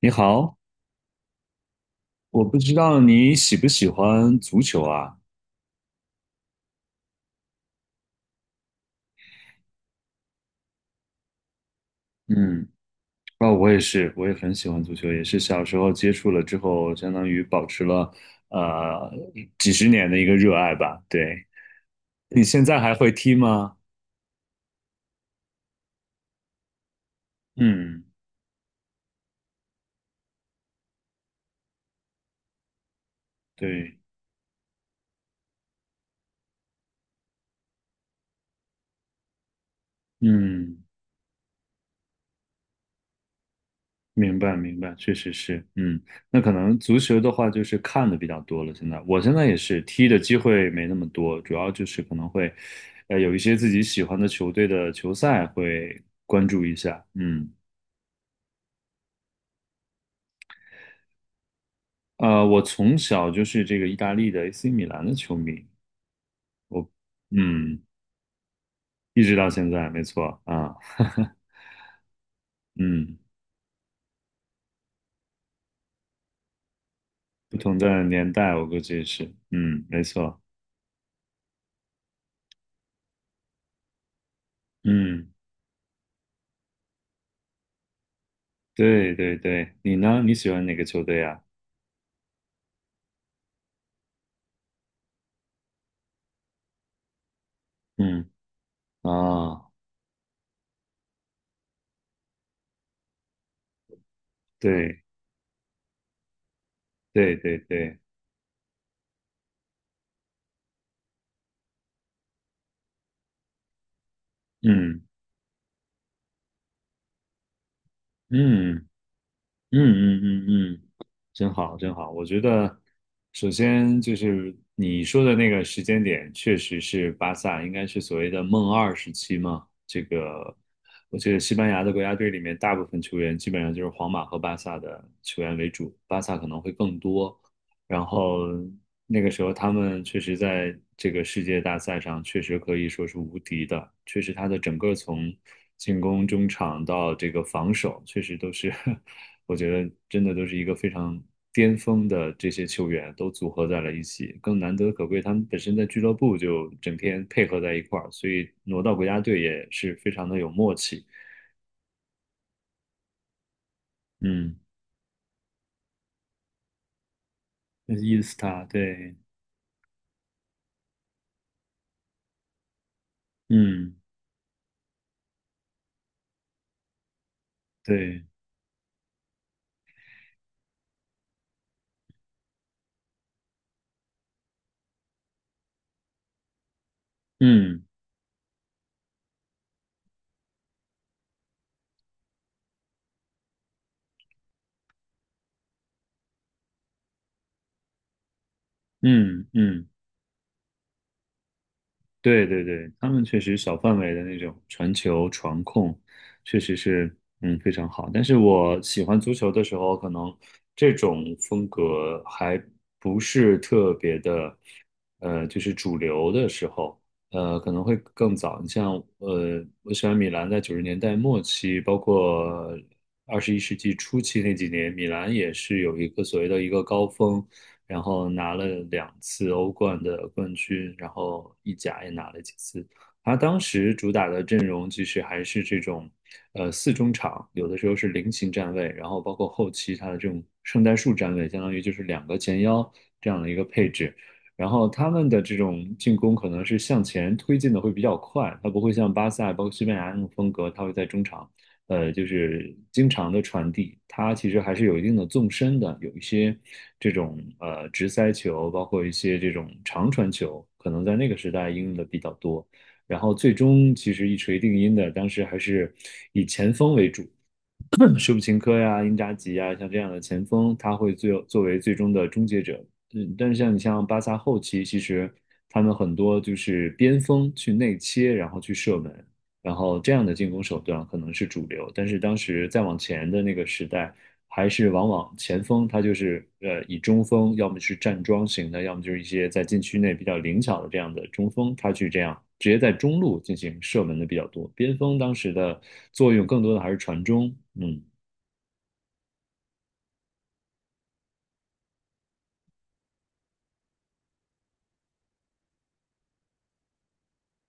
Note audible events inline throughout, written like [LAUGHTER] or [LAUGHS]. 你好，我不知道你喜不喜欢足球啊？嗯，啊，我也是，我也很喜欢足球，也是小时候接触了之后，相当于保持了呃几十年的一个热爱吧。对，你现在还会踢吗？嗯，对，嗯。明白，明白，确实是，嗯，那可能足球的话就是看的比较多了。现在，我现在也是踢的机会没那么多，主要就是可能会，有一些自己喜欢的球队的球赛会关注一下。嗯，我从小就是这个意大利的 AC 米兰的球迷，嗯，一直到现在，没错啊，[LAUGHS] 嗯，不同的年代，我估计也是，嗯，没错，嗯，对对对，你呢？你喜欢哪个球队啊？嗯啊，对。对对对，嗯嗯嗯嗯嗯嗯，真好真好。我觉得，首先就是你说的那个时间点，确实是巴萨应该是所谓的"梦二"时期嘛。这个，我觉得西班牙的国家队里面，大部分球员基本上就是皇马和巴萨的球员为主，巴萨可能会更多。然后那个时候他们确实在这个世界大赛上确实可以说是无敌的，确实他的整个从进攻、中场到这个防守，确实都是 [LAUGHS] 我觉得真的都是一个非常巅峰的这些球员都组合在了一起，更难得可贵，他们本身在俱乐部就整天配合在一块儿，所以挪到国家队也是非常的有默契。嗯，伊斯塔，对，嗯，对，嗯嗯嗯。对对对，他们确实小范围的那种传球、传控，确实是非常好。但是我喜欢足球的时候，可能这种风格还不是特别的，就是主流的时候，可能会更早。你像我喜欢米兰在90年代末期，包括21世纪初期那几年，米兰也是有一个所谓的一个高峰。然后拿了两次欧冠的冠军，然后意甲也拿了几次。他当时主打的阵容其实还是这种，四中场，有的时候是菱形站位，然后包括后期他的这种圣诞树站位，相当于就是两个前腰这样的一个配置。然后他们的这种进攻可能是向前推进的会比较快，它不会像巴萨、包括西班牙那种风格，它会在中场就是经常的传递，它其实还是有一定的纵深的，有一些这种直塞球，包括一些这种长传球，可能在那个时代应用的比较多。然后最终其实一锤定音的，当时还是以前锋为主，[COUGHS] 舍甫琴科呀、英扎吉呀，像这样的前锋，他会最作为最终的终结者。嗯，但是像你像巴萨后期，其实他们很多就是边锋去内切，然后去射门，然后这样的进攻手段可能是主流。但是当时再往前的那个时代，还是往往前锋他就是以中锋，要么是站桩型的，要么就是一些在禁区内比较灵巧的这样的中锋，他去这样直接在中路进行射门的比较多。边锋当时的作用更多的还是传中，嗯。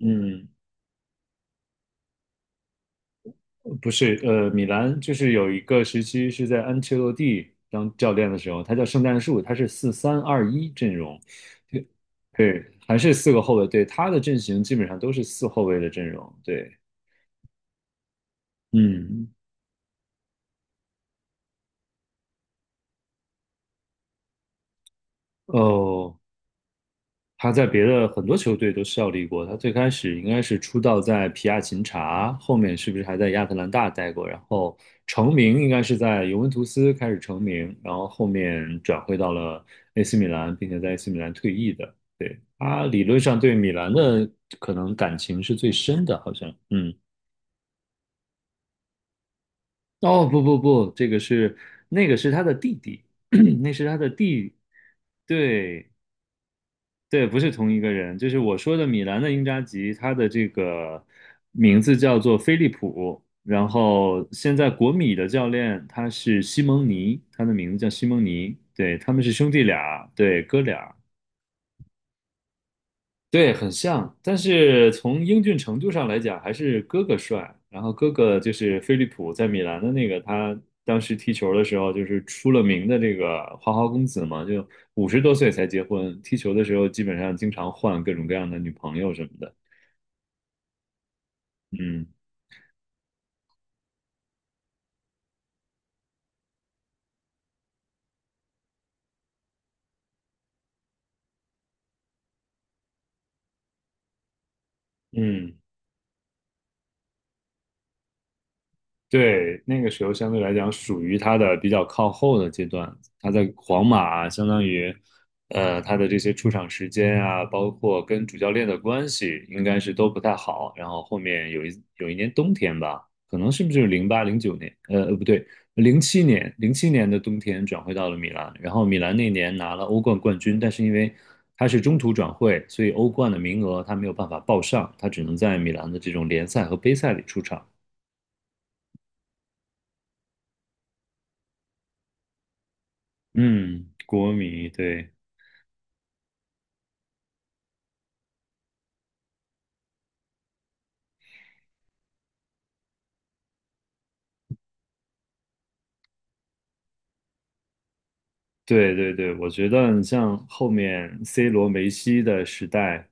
嗯，不是，米兰就是有一个时期是在安切洛蒂当教练的时候，他叫圣诞树，他是四三二一阵容，对，对，还是四个后卫，对，他的阵型基本上都是四后卫的阵容，对，嗯，哦，他在别的很多球队都效力过。他最开始应该是出道在皮亚琴察，后面是不是还在亚特兰大待过？然后成名应该是在尤文图斯开始成名，然后后面转会到了 AC 米兰，并且在 AC 米兰退役的。对，他理论上对米兰的可能感情是最深的，好像。嗯，哦，不不不，这个是那个是他的弟弟，[CLEARS THROAT] 那是他的弟，对。对，不是同一个人，就是我说的米兰的英扎吉，他的这个名字叫做菲利普，然后现在国米的教练他是西蒙尼，他的名字叫西蒙尼，对，他们是兄弟俩，对，哥俩。对，很像，但是从英俊程度上来讲，还是哥哥帅。然后哥哥就是飞利浦，在米兰的那个，他当时踢球的时候就是出了名的这个花花公子嘛，就50多岁才结婚，踢球的时候基本上经常换各种各样的女朋友什么的。嗯嗯，对，那个时候相对来讲属于他的比较靠后的阶段，他在皇马相当于，他的这些出场时间啊，包括跟主教练的关系，应该是都不太好。然后后面有一年冬天吧，可能是不是零八零九年，不对，零七年的冬天转会到了米兰，然后米兰那年拿了欧冠冠军，但是因为他是中途转会，所以欧冠的名额他没有办法报上，他只能在米兰的这种联赛和杯赛里出场。嗯，国米，对对对对，我觉得你像后面 C 罗、梅西的时代，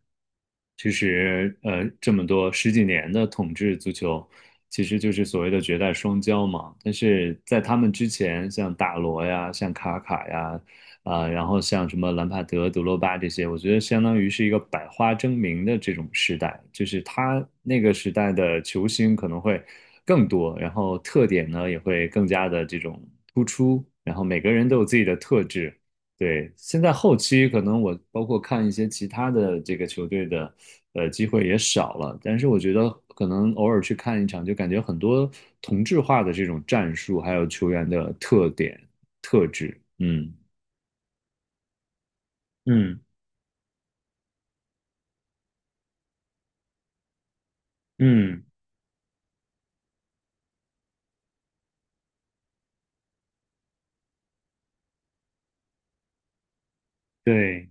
其实这么多十几年的统治足球，其实就是所谓的绝代双骄嘛。但是在他们之前，像大罗呀、像卡卡呀，啊、然后像什么兰帕德、德罗巴这些，我觉得相当于是一个百花争鸣的这种时代，就是他那个时代的球星可能会。更多，然后特点呢也会更加的这种突出，然后每个人都有自己的特质。对，现在后期可能我包括看一些其他的这个球队的，机会也少了。但是我觉得可能偶尔去看一场，就感觉很多同质化的这种战术，还有球员的特点、特质。嗯嗯嗯，对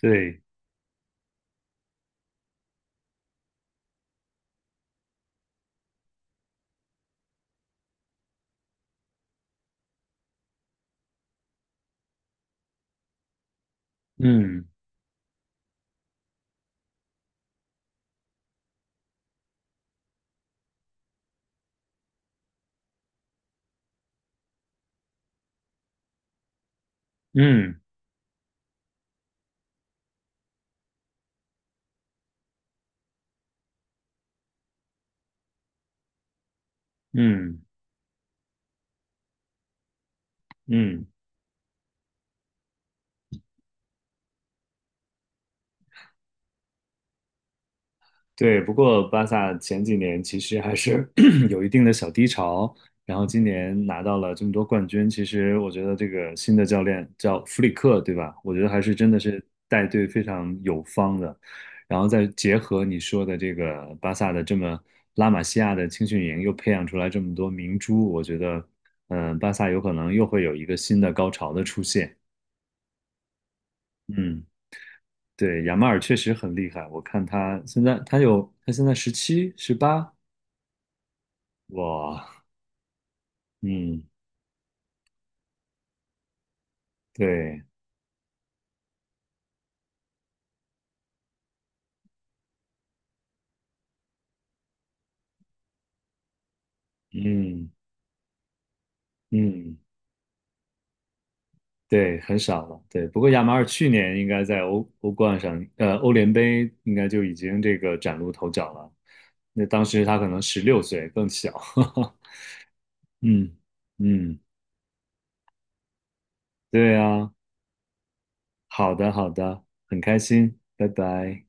对，嗯嗯嗯嗯嗯对，不过巴萨前几年其实还是 [CLEARS THROAT] 有一定的小低潮，然后今年拿到了这么多冠军，其实我觉得这个新的教练叫弗里克，对吧？我觉得还是真的是带队非常有方的，然后再结合你说的这个巴萨的这么拉玛西亚的青训营，又培养出来这么多明珠，我觉得，嗯、巴萨有可能又会有一个新的高潮的出现。嗯，对，亚马尔确实很厉害，我看他现在他有他现在17、18。哇，嗯，对，嗯嗯，对，很少了，对。不过亚马尔去年应该在欧冠上，欧联杯应该就已经这个崭露头角了。那当时他可能16岁，更小。[LAUGHS] 嗯嗯，对啊，好的好的，很开心，拜拜。